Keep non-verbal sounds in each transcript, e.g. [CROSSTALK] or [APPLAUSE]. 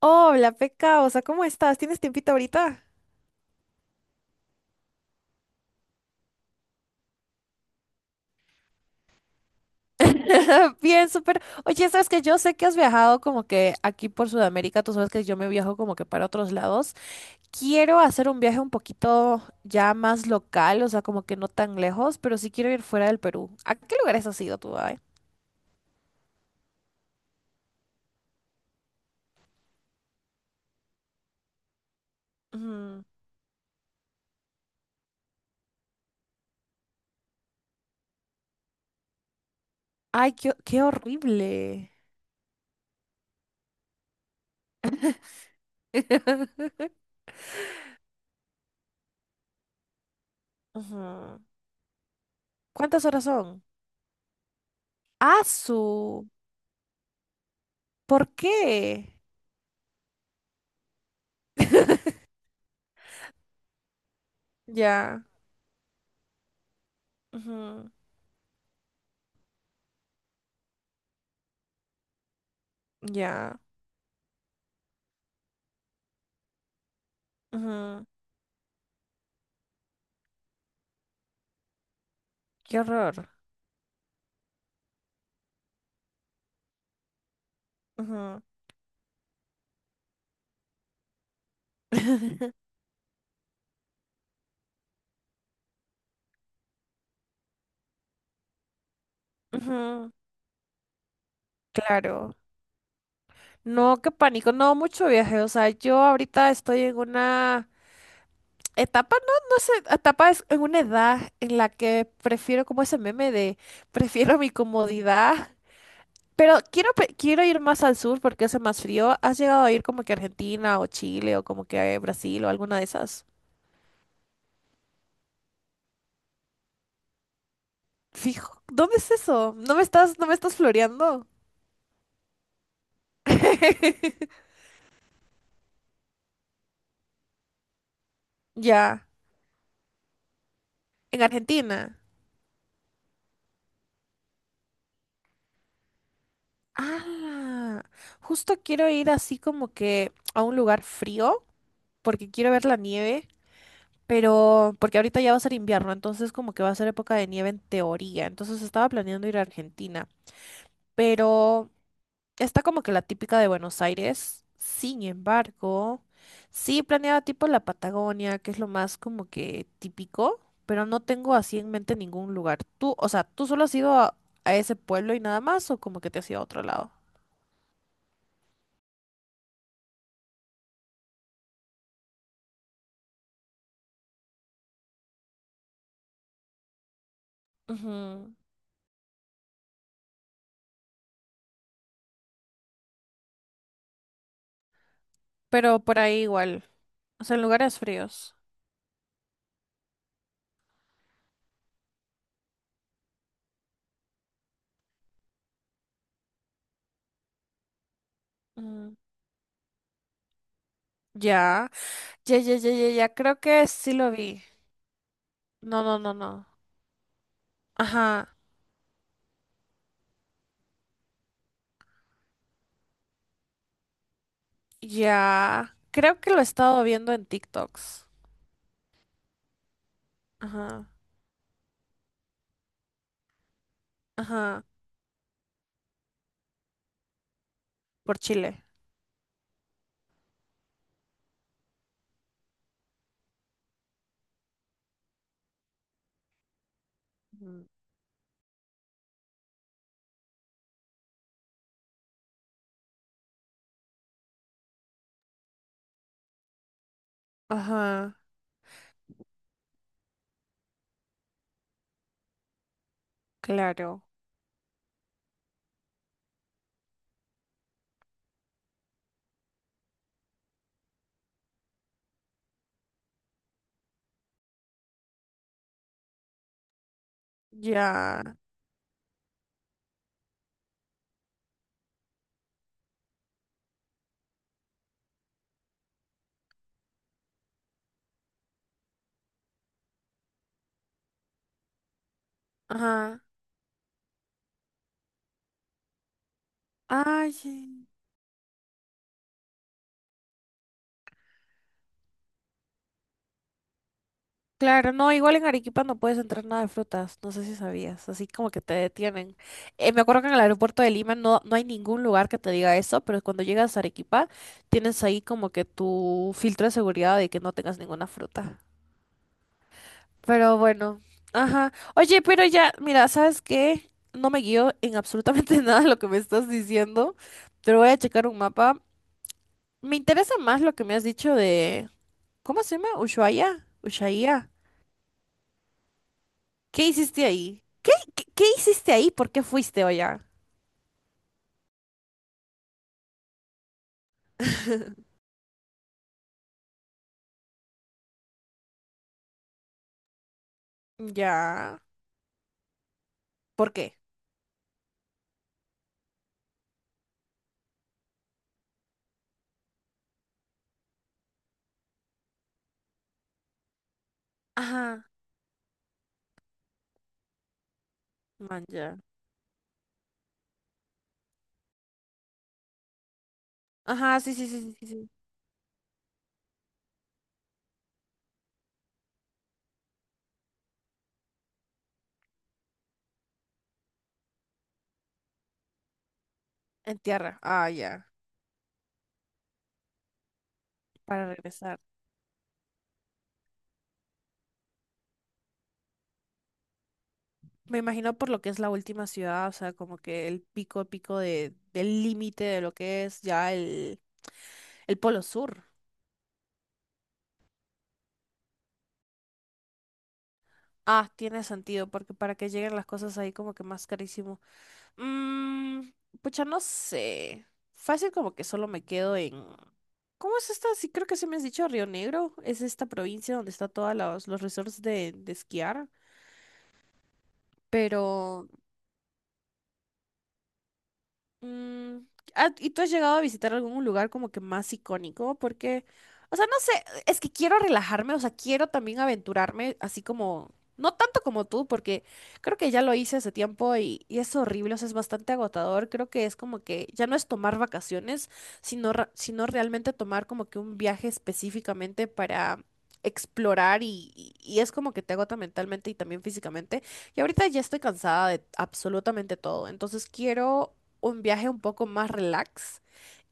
Hola, Pecaosa, ¿cómo estás? ¿Tienes tiempito ahorita? [LAUGHS] Bien, súper. Oye, sabes que yo sé que has viajado como que aquí por Sudamérica, tú sabes que yo me viajo como que para otros lados. Quiero hacer un viaje un poquito ya más local, o sea, como que no tan lejos, pero sí quiero ir fuera del Perú. ¿A qué lugares has ido tú, ay? Ujú. Ay, qué, qué horrible. [LAUGHS] Ujú. ¿Cuántas horas son? ¡Asu! ¿Por qué? [LAUGHS] Ya. Ujú. Ya. Ujú. Qué horror. Ujú. [LAUGHS] Ujú, claro. No, qué pánico, no mucho viaje. O sea, yo ahorita estoy en una etapa, no, no sé, etapa es en una edad en la que prefiero como ese meme de [LAUGHS] prefiero mi comodidad. Pero quiero ir más al sur porque hace más frío. ¿Has llegado a ir como que a Argentina o Chile o como que a Brasil o alguna de esas? Fijo, ¿dónde es eso? ¿No me estás floreando? [LAUGHS] Ya, en Argentina. Ah, justo quiero ir así como que a un lugar frío, porque quiero ver la nieve, pero porque ahorita ya va a ser invierno, entonces como que va a ser época de nieve en teoría. Entonces estaba planeando ir a Argentina, pero está como que la típica de Buenos Aires. Sin embargo, sí planeaba tipo la Patagonia, que es lo más como que típico, pero no tengo así en mente ningún lugar. Tú, o sea, ¿tú solo has ido a ese pueblo y nada más o como que te has ido a otro lado? Ujú. Pero por ahí igual, o sea, en lugares fríos. Mm, ya, ya, ya, ya, ya, ya, creo que sí lo vi. No, no, no, no. Ajá, ya. Creo que lo he estado viendo en TikToks. Ajá, ajá, por Chile. Ujú. Ajá, claro, ya, ajá. Ay, sí. Claro, no, igual en Arequipa no puedes entrar nada de frutas, no sé si sabías, así como que te detienen. Me acuerdo que en el aeropuerto de Lima no hay ningún lugar que te diga eso, pero cuando llegas a Arequipa tienes ahí como que tu filtro de seguridad de que no tengas ninguna fruta. Pero bueno, ajá. Oye, pero ya, mira, ¿sabes qué? No me guío en absolutamente [LAUGHS] nada de lo que me estás diciendo, pero voy a checar un mapa. Me interesa más lo que me has dicho de, ¿cómo se llama? Ushuaia, Ushuaia. ¿Qué hiciste ahí? ¿Qué hiciste ahí? ¿Por qué fuiste, allá? Ya. ¿Por qué? Ajá. Man, ya. Ajá, sí, sí, sí, sí, sí. Sí. En tierra. Ah, ya. Para regresar. Me imagino por lo que es la última ciudad, o sea, como que el pico, pico de, del límite de lo que es ya el polo sur. Ah, tiene sentido, porque para que lleguen las cosas ahí como que más carísimo. Mmm, pucha, no sé. Fácil como que solo me quedo en... ¿Cómo es esta? Sí, creo que se me has dicho Río Negro. Es esta provincia donde está todos los resorts de esquiar. Pero Mm, ah, ¿y tú has llegado a visitar algún lugar como que más icónico? Porque, o sea, no sé, es que quiero relajarme, o sea, quiero también aventurarme, así como, no tanto como tú, porque creo que ya lo hice hace tiempo y es horrible, o sea, es bastante agotador. Creo que es como que ya no es tomar vacaciones, sino, ra- sino realmente tomar como que un viaje específicamente para... explorar y es como que te agota mentalmente y también físicamente. Y ahorita ya estoy cansada de absolutamente todo, entonces quiero un viaje un poco más relax,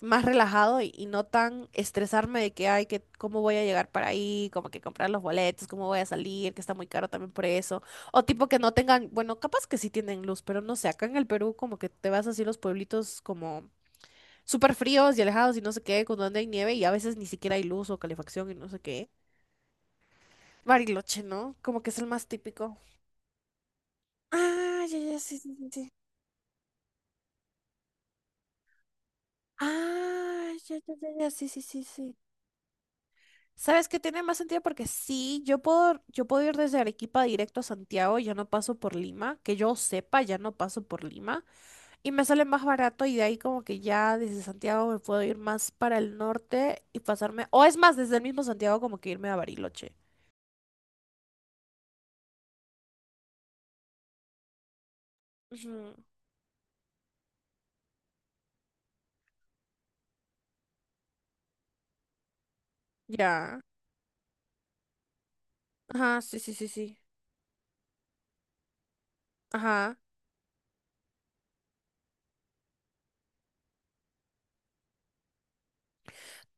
más relajado y no tan estresarme de que, ay, que cómo voy a llegar para ahí, como que comprar los boletos, cómo voy a salir, que está muy caro también por eso. O tipo que no tengan, bueno, capaz que sí tienen luz, pero no sé, acá en el Perú como que te vas así a los pueblitos como súper fríos y alejados y no sé qué, con donde hay nieve y a veces ni siquiera hay luz o calefacción y no sé qué. Bariloche, ¿no? Como que es el más típico. Ah, ya, ya, sí, sí, sí. Sí. Ah, ya, ya, ya, ya, sí, sí, sí, sí. ¿Sabes qué tiene más sentido? Porque sí, yo puedo ir desde Arequipa directo a Santiago, ya no paso por Lima, que yo sepa, ya no paso por Lima, y me sale más barato y de ahí como que ya desde Santiago me puedo ir más para el norte y pasarme, o es más, desde el mismo Santiago como que irme a Bariloche. Ujú, ya. Ajá, sí, sí, sí, sí. Ajá.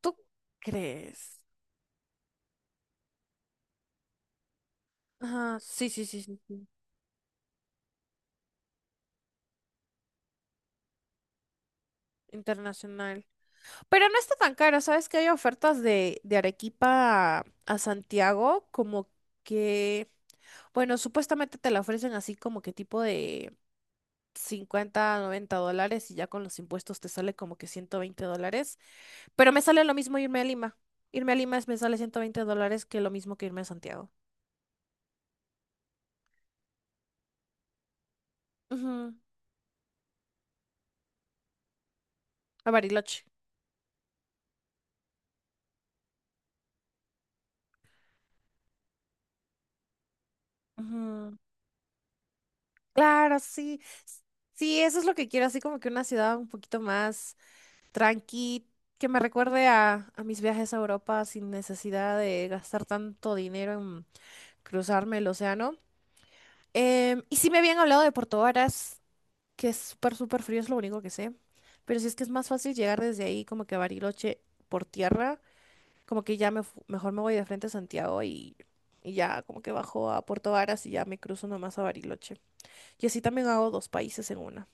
¿Tú crees? Ajá, sí, sí, sí, sí, sí. Internacional. Pero no está tan caro, ¿sabes? Que hay ofertas de Arequipa a Santiago, como que, bueno, supuestamente te la ofrecen así como que tipo de 50, 90 dólares y ya con los impuestos te sale como que 120 dólares. Pero me sale lo mismo irme a Lima. Irme a Lima es- me sale 120 dólares que lo mismo que irme a Santiago. Ujú, a Bariloche. Ujú, claro, sí. s- Sí, eso es lo que quiero, así como que una ciudad un poquito más tranqui, que me recuerde a mis viajes a Europa sin necesidad de gastar tanto dinero en cruzarme el océano. Y sí me habían hablado de Puerto Varas, que es súper, súper frío, es lo único que sé. Pero si es que es más fácil llegar desde ahí como que a Bariloche por tierra, como que ya me fu- mejor me voy de frente a Santiago y ya como que bajo a Puerto Varas y ya me cruzo nomás a Bariloche. Y así también hago dos países en una.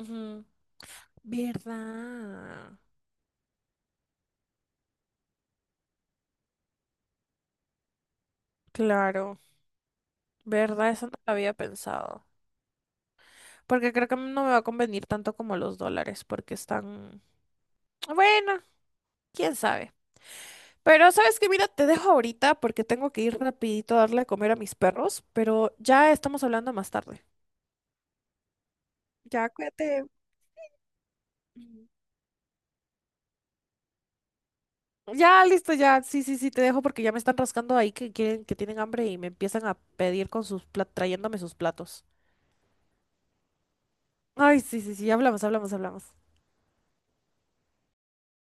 Ujú. ¿Verdad? Claro. ¿Verdad? Eso no lo había pensado. Porque creo que no me va a convenir tanto como los dólares, porque están... Bueno, quién sabe. Pero sabes que, mira, te dejo ahorita porque tengo que ir rapidito a darle a comer a mis perros, pero ya estamos hablando más tarde. Ya, cuídate. Mm. Ya, listo, ya. Sí, sí, sí, te dejo porque ya me están rascando ahí que quieren, que tienen hambre y me empiezan a pedir con sus platos, trayéndome sus platos. Ay, sí, sí, sí, hablamos, hablamos, hablamos.